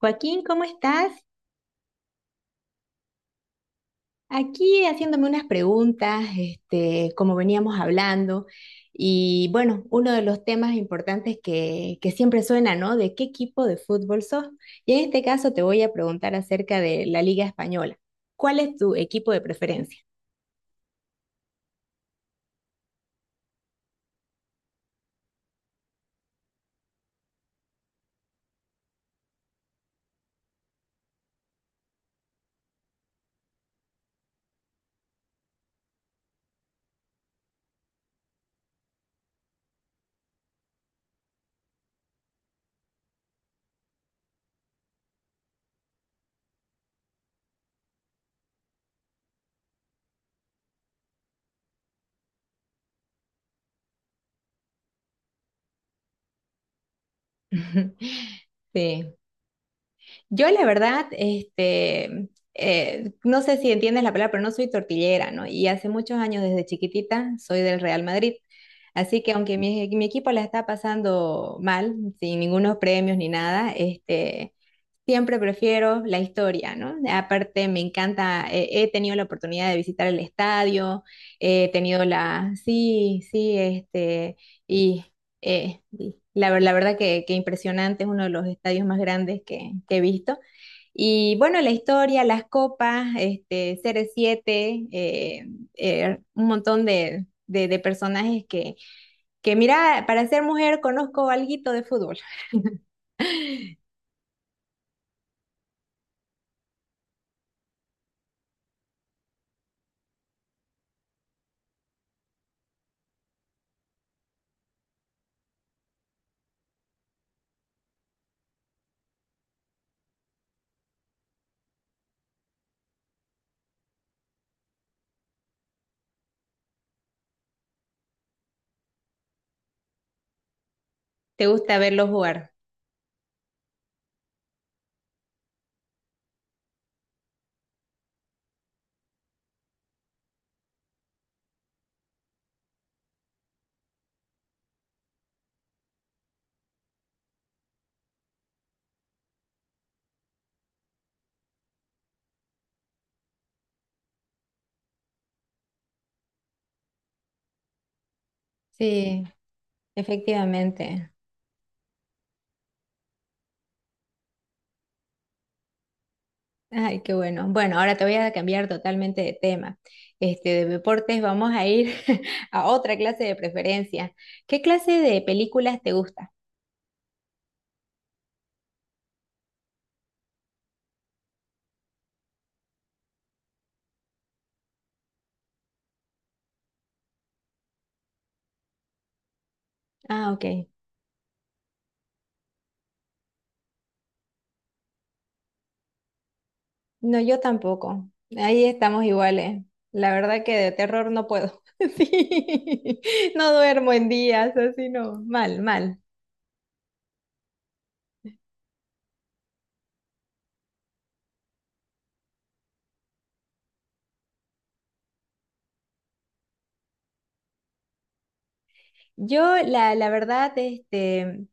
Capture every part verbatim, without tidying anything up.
Joaquín, ¿cómo estás? Aquí haciéndome unas preguntas, este, como veníamos hablando, y bueno, uno de los temas importantes que, que siempre suena, ¿no? De qué equipo de fútbol sos. Y en este caso te voy a preguntar acerca de la Liga Española. ¿Cuál es tu equipo de preferencia? Sí. Yo la verdad, este, eh, no sé si entiendes la palabra, pero no soy tortillera, ¿no? Y hace muchos años, desde chiquitita, soy del Real Madrid. Así que aunque mi, mi equipo la está pasando mal, sin ningunos premios ni nada, este, siempre prefiero la historia, ¿no? Aparte, me encanta, eh, he tenido la oportunidad de visitar el estadio, he tenido la, sí, sí, este, y eh, y la, ver- la verdad que, que impresionante, es uno de los estadios más grandes que, que he visto. Y bueno, la historia, las copas, este, ce erre siete eh, eh, un montón de, de- de personajes que, que, mira, para ser mujer conozco alguito de fútbol. ¿Te gusta verlos jugar? Sí, efectivamente. Ay, qué bueno. Bueno, ahora te voy a cambiar totalmente de tema. Este, de deportes vamos a ir a otra clase de preferencia. ¿Qué clase de películas te gusta? Ah, ok. No, yo tampoco. Ahí estamos iguales. La verdad que de terror no puedo. Sí. No duermo en días, así no. Mal, mal. Yo, la, la verdad, este,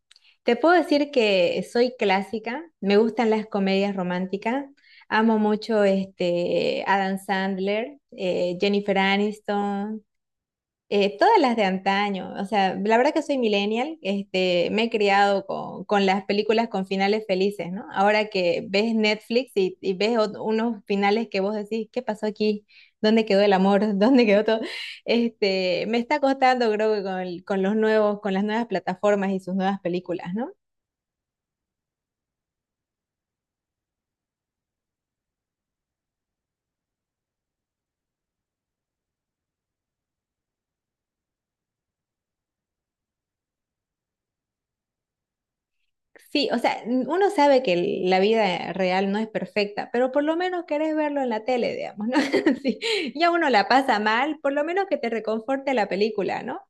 te puedo decir que soy clásica, me gustan las comedias románticas, amo mucho este, Adam Sandler, eh, Jennifer Aniston, eh, todas las de antaño, o sea, la verdad que soy millennial, este, me he criado con, con las películas con finales felices, ¿no? Ahora que ves Netflix y, y ves ot- unos finales que vos decís, ¿qué pasó aquí? ¿Dónde quedó el amor? ¿Dónde quedó todo? Este, me está costando, creo que con, con los nuevos, con las nuevas plataformas y sus nuevas películas, ¿no? Sí, o sea, n- uno sabe que el- la vida real no es perfecta, pero por lo menos querés verlo en la tele, digamos, ¿no? Sí, ya uno la pasa mal, por lo menos que te reconforte la película, ¿no?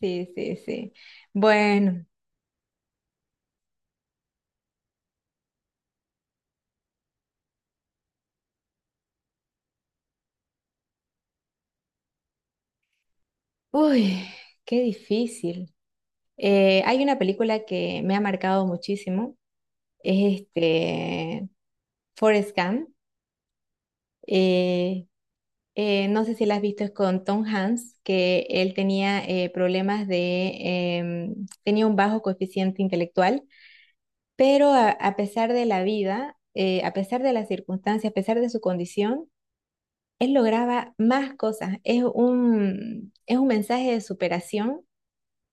Sí, sí, sí. Bueno, uy, qué difícil. Eh, hay una película que me ha marcado muchísimo, es este Forrest Gump. eh, eh, no sé si la has visto, es con Tom Hanks, que él tenía eh, problemas de, em, tenía un bajo coeficiente intelectual, pero a, a pesar de la vida, eh, a pesar de las circunstancias, a pesar de su condición, él lograba más cosas. Es un, es un mensaje de superación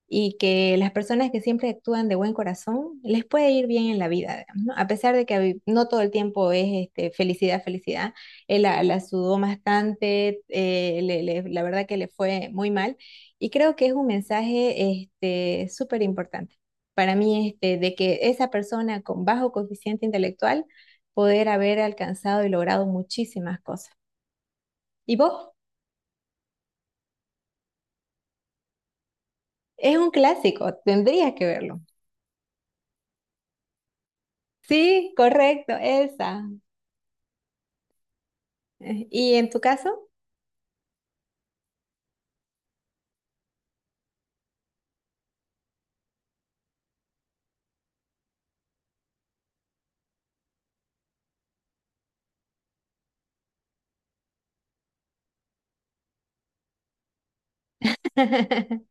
y que las personas que siempre actúan de buen corazón les puede ir bien en la vida, digamos, ¿no? A pesar de que habi- no todo el tiempo es este, felicidad, felicidad. Él la, la sudó bastante, eh, le- le- la verdad que le fue muy mal y creo que es un mensaje este, súper importante para mí este, de que esa persona con bajo coeficiente intelectual poder haber alcanzado y logrado muchísimas cosas. ¿Y vos? Es un clásico, tendrías que verlo. Sí, correcto, esa. ¿Y en tu caso?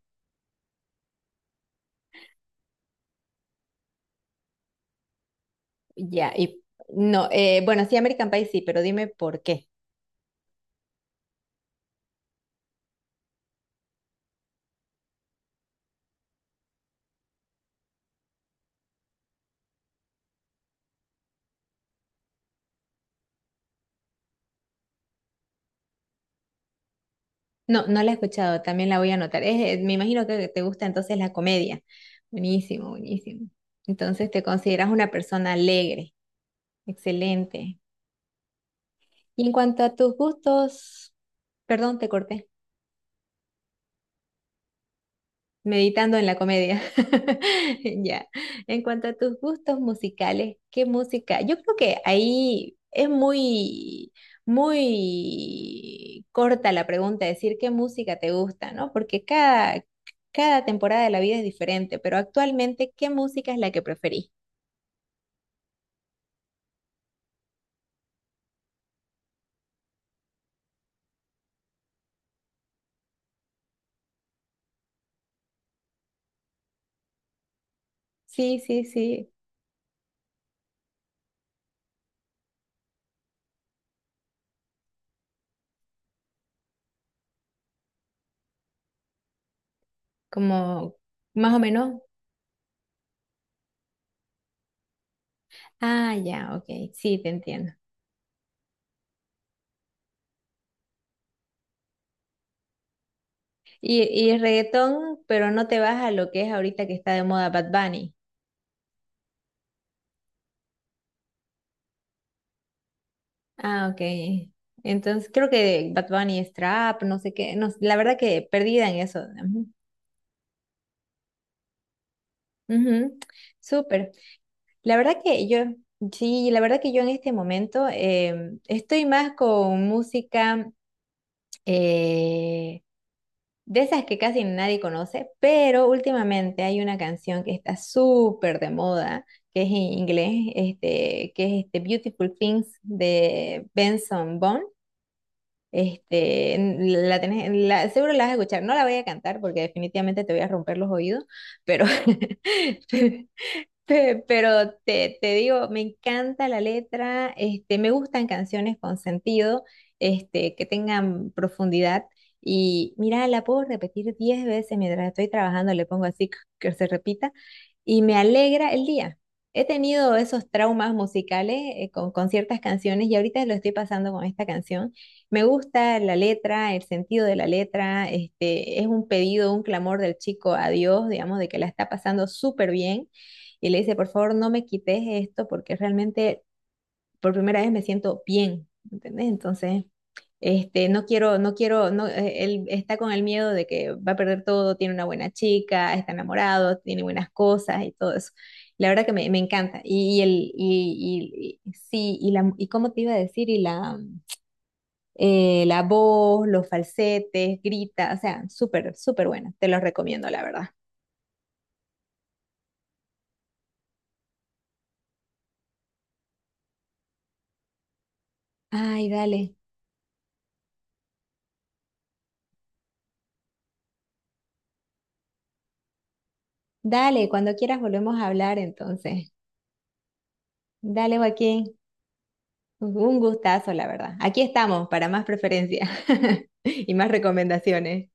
Ya, y no, eh, bueno, sí, American Pie sí, pero dime por qué. No, no la he escuchado, también la voy a anotar. Es, eh, me imagino que te gusta entonces la comedia. Buenísimo, buenísimo. Entonces te consideras una persona alegre. Excelente. Y en cuanto a tus gustos, perdón, te corté. Meditando en la comedia. Ya. En cuanto a tus gustos musicales, ¿qué música? Yo creo que ahí es muy, muy corta la pregunta, decir qué música te gusta, ¿no? Porque cada, cada temporada de la vida es diferente, pero actualmente, ¿qué música es la que preferís? Sí, sí, sí. Como más o menos. Ah, ya, ok. Sí, te entiendo. Y, y reggaetón, pero no te vas a lo que es ahorita que está de moda Bad Bunny. Ah, ok. Entonces creo que Bad Bunny es trap, no sé qué. No, la verdad que perdida en eso. Ujú. Ujú. Súper. La verdad que yo, sí, la verdad que yo en este momento em, estoy más con música eh, de esas que casi nadie conoce, pero últimamente hay una canción que está súper de moda, que es en inglés, este, que es este Beautiful Things de Benson Boone. Este, n- la tenés, la- seguro la vas a escuchar. No la voy a cantar porque definitivamente te voy a romper los oídos, pero, Pe- Pero te, te digo, me encanta la letra, este, me gustan canciones con sentido, este, que tengan profundidad. Y mira, la puedo repetir diez veces mientras estoy trabajando, le pongo así que se repita, y me alegra el día. He tenido esos traumas musicales eh, con, con ciertas canciones y ahorita lo estoy pasando con esta canción. Me gusta la letra, el sentido de la letra, este, es un pedido, un clamor del chico a Dios, digamos, de que la está pasando súper bien y le dice, por favor, no me quites esto porque realmente por primera vez me siento bien, ¿entendés? Entonces, este, no quiero, no quiero, no, eh, él está con el miedo de que va a perder todo, tiene una buena chica, está enamorado, tiene buenas cosas y todo eso. La verdad que me, me encanta. Y, y el, y, y- y- sí, y la, y cómo te iba a decir, y la, eh, la voz, los falsetes, grita, o sea, súper, súper buena. Te los recomiendo, la verdad. Ay, dale, dale, cuando quieras volvemos a hablar entonces. Dale, Joaquín. Un gustazo, la verdad. Aquí estamos para más preferencia y más recomendaciones.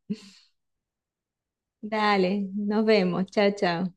Dale, nos vemos. Chao, chao.